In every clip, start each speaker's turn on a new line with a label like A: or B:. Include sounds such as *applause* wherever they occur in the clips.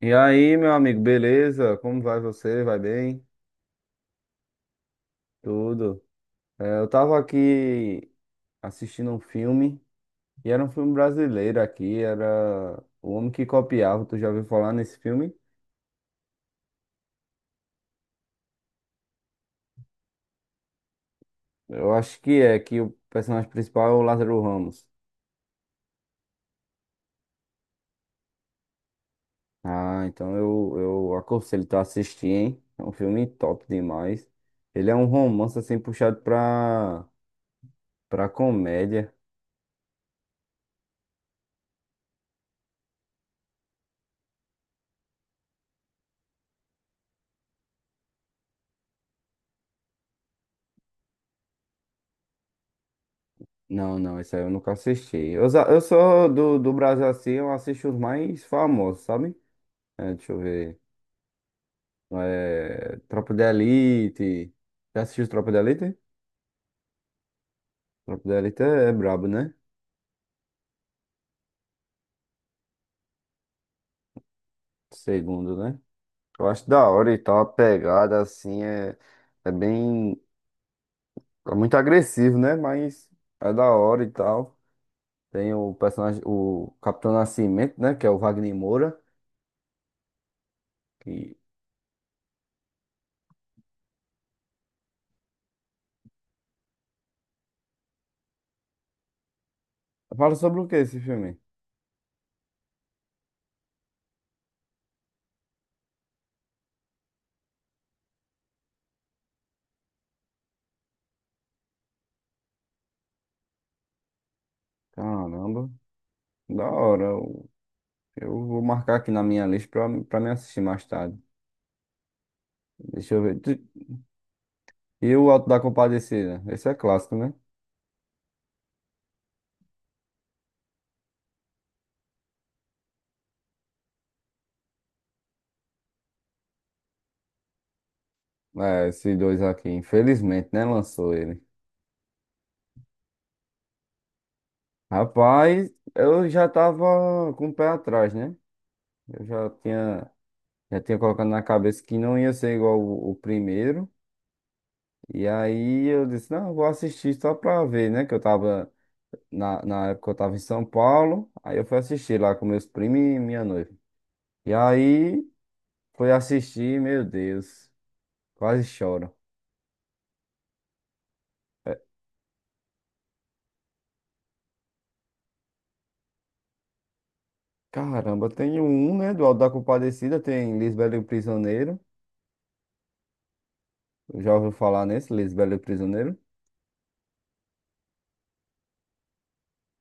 A: E aí, meu amigo, beleza? Como vai você? Vai bem? Tudo. É, eu tava aqui assistindo um filme, e era um filme brasileiro aqui, era O Homem que Copiava. Tu já ouviu falar nesse filme? Eu acho que é, que o personagem principal é o Lázaro Ramos. Ah, então eu aconselho tu a assistir, hein? É um filme top demais. Ele é um romance assim puxado pra comédia. Não, não, isso aí eu nunca assisti. Eu, eu sou do Brasil assim, eu assisto os mais famosos, sabe? É, deixa eu ver. É, Tropa de Elite. Já assistiu Tropa de Elite? Tropa de Elite é brabo, né? Segundo, né? Eu acho da hora e tal, a pegada assim é bem. É muito agressivo, né? Mas é da hora e tal. Tem o personagem, o Capitão Nascimento, né? Que é o Wagner Moura. Que... Fala sobre o que esse filme? Caramba, da hora. Eu vou marcar aqui na minha lista pra me assistir mais tarde. Deixa eu ver. E o Alto da Compadecida? Esse é clássico, né? É, esses dois aqui. Infelizmente, né? Lançou ele. Rapaz, eu já tava com o pé atrás, né? Eu já tinha, Já tinha colocado na cabeça que não ia ser igual o primeiro. E aí eu disse, não, eu vou assistir só pra ver, né? Que eu tava, na época eu tava em São Paulo. Aí eu fui assistir lá com meus primos e minha noiva. E aí... fui assistir, meu Deus. Quase choro. Caramba, tem um, né? Do Auto da Compadecida, tem Lisbela e o Prisioneiro. Já ouviu falar nesse, Lisbela e o Prisioneiro?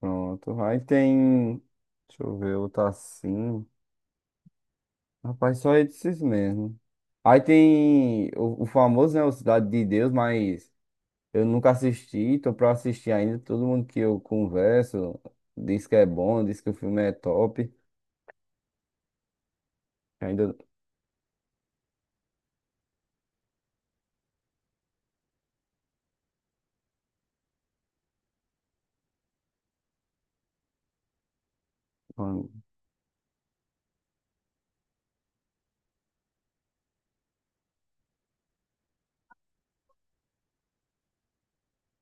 A: Pronto. Aí tem. Deixa eu ver, outro assim. Rapaz, só esses mesmo. Aí tem o famoso, né? O Cidade de Deus, mas eu nunca assisti, tô pra assistir ainda. Todo mundo que eu converso diz que é bom, diz que o filme é top. Ainda.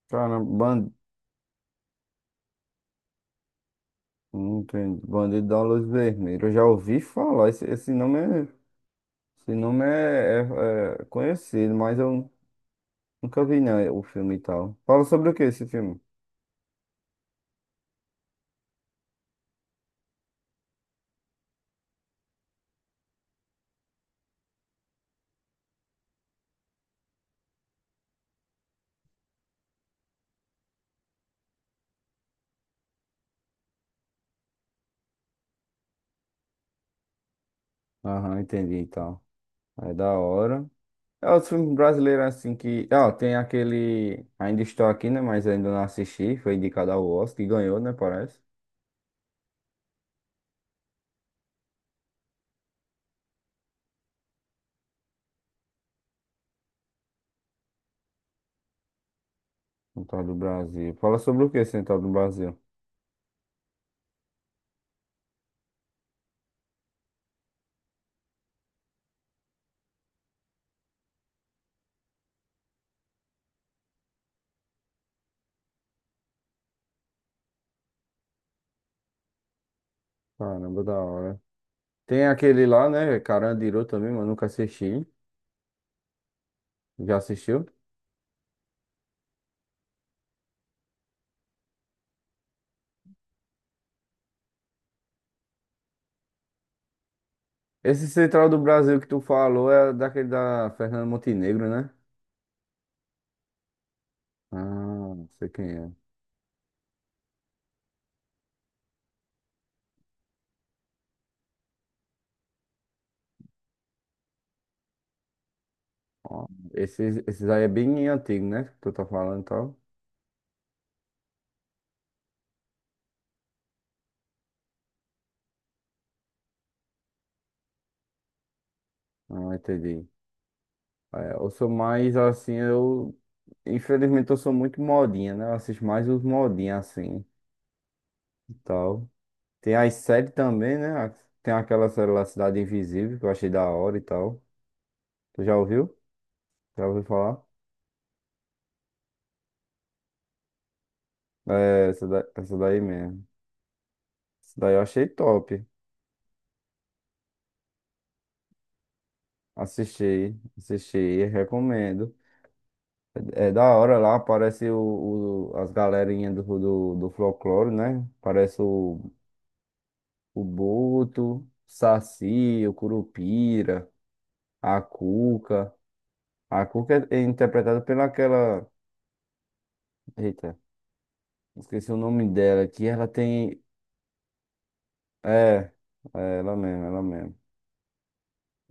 A: Caramba, entendi. Bandido da Luz Vermelha. Eu já ouvi falar. Esse nome esse nome é conhecido, mas eu nunca vi não, o filme e tal. Fala sobre o que esse filme? Aham, entendi e tal. É da hora. É os filmes brasileiros assim que. Ah, tem aquele. Ainda estou aqui, né? Mas ainda não assisti. Foi indicado ao Oscar e ganhou, né? Parece. Central do Brasil. Fala sobre o que Central do Brasil? Caramba, da hora. Tem aquele lá, né? Carandiru também, mas nunca assisti. Já assistiu? Esse Central do Brasil que tu falou é daquele da Fernanda Montenegro, né? Ah, sei quem é. Ó, esses aí é bem antigo, né? Que tu tá falando e tal. Ah, entendi. É, eu sou mais assim, eu. Infelizmente eu sou muito modinha, né? Eu assisto mais os modinhos assim e tal. Tem as séries também, né? Tem aquela série lá, Cidade Invisível, que eu achei da hora e tal. Tu já ouviu? Já ouviu falar? É, essa daí mesmo. Essa daí eu achei top. Assisti, assisti, recomendo. É da hora lá, aparece as galerinhas do folclore, né? Parece o Boto, o Saci, o Curupira, a Cuca. A Cuca é interpretada pela aquela. Eita, esqueci o nome dela, que ela tem. É, é ela mesmo, ela mesmo.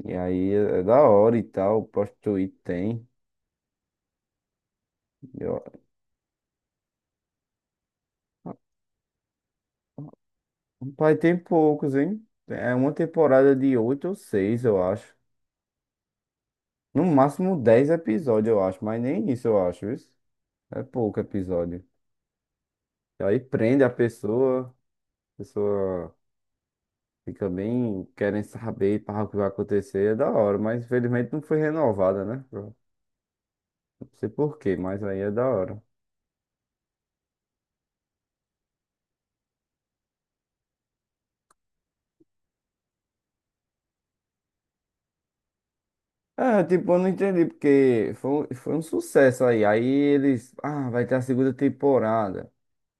A: E aí é da hora e tal, posto Twitch tem. Eu... Pai, tem poucos, hein? É uma temporada de oito ou seis, eu acho. No máximo 10 episódios, eu acho, mas nem isso eu acho, isso é pouco episódio. E aí prende a pessoa fica bem querendo saber para o que vai acontecer, é da hora, mas infelizmente não foi renovada, né? Eu Não sei por quê, mas aí é da hora. É, tipo, eu não entendi, porque foi, foi um sucesso aí. Aí eles, ah, vai ter a segunda temporada.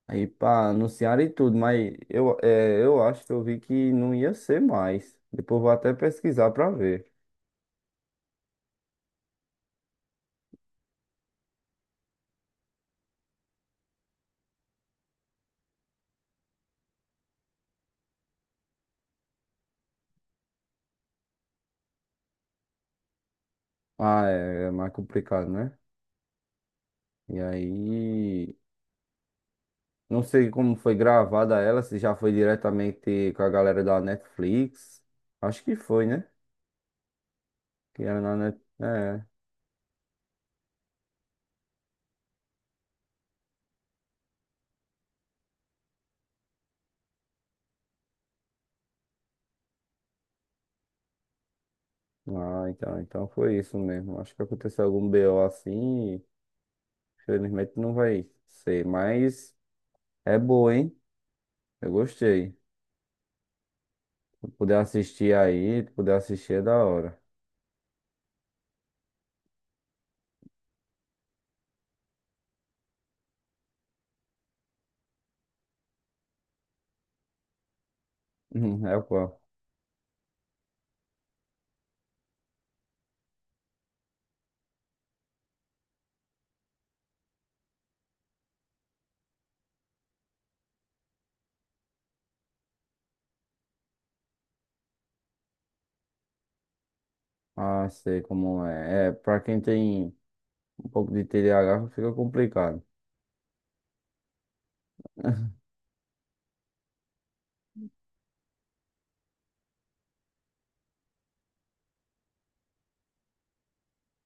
A: Aí, pá, anunciaram e tudo, mas eu, é, eu acho que eu vi que não ia ser mais. Depois vou até pesquisar pra ver. Ah, é mais complicado, né? E aí, não sei como foi gravada ela, se já foi diretamente com a galera da Netflix. Acho que foi, né? Que era na Net... É. Ah, então foi isso mesmo. Acho que aconteceu algum BO assim, e infelizmente não vai ser, mas é boa, hein? Eu gostei. Se puder assistir aí, se puder assistir é da hora. *laughs* É o qual? Ah, sei como é. É, pra quem tem um pouco de TDAH fica complicado.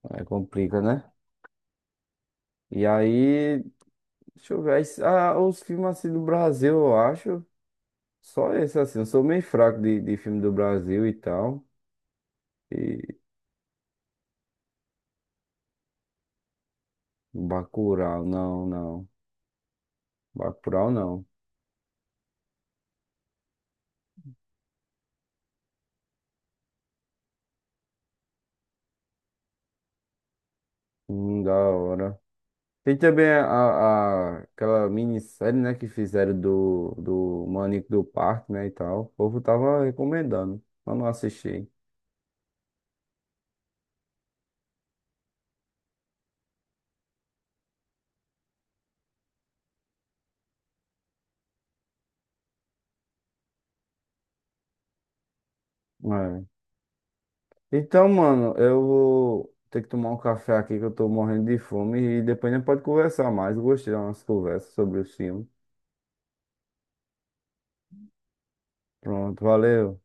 A: Aí complica, né? E aí, deixa eu ver. Os filmes assim do Brasil, eu acho. Só esse assim. Eu sou meio fraco de filme do Brasil e tal. E Bacurau, não, não. Bacurau, não. Da hora. Tem também aquela minissérie, né, que fizeram do Maníaco do Parque, né, e tal. O povo tava recomendando, mas não assisti. É. Então, mano, eu vou ter que tomar um café aqui que eu tô morrendo de fome e depois a gente pode conversar mais. Gostei das nossas conversas sobre o filme. Pronto, valeu.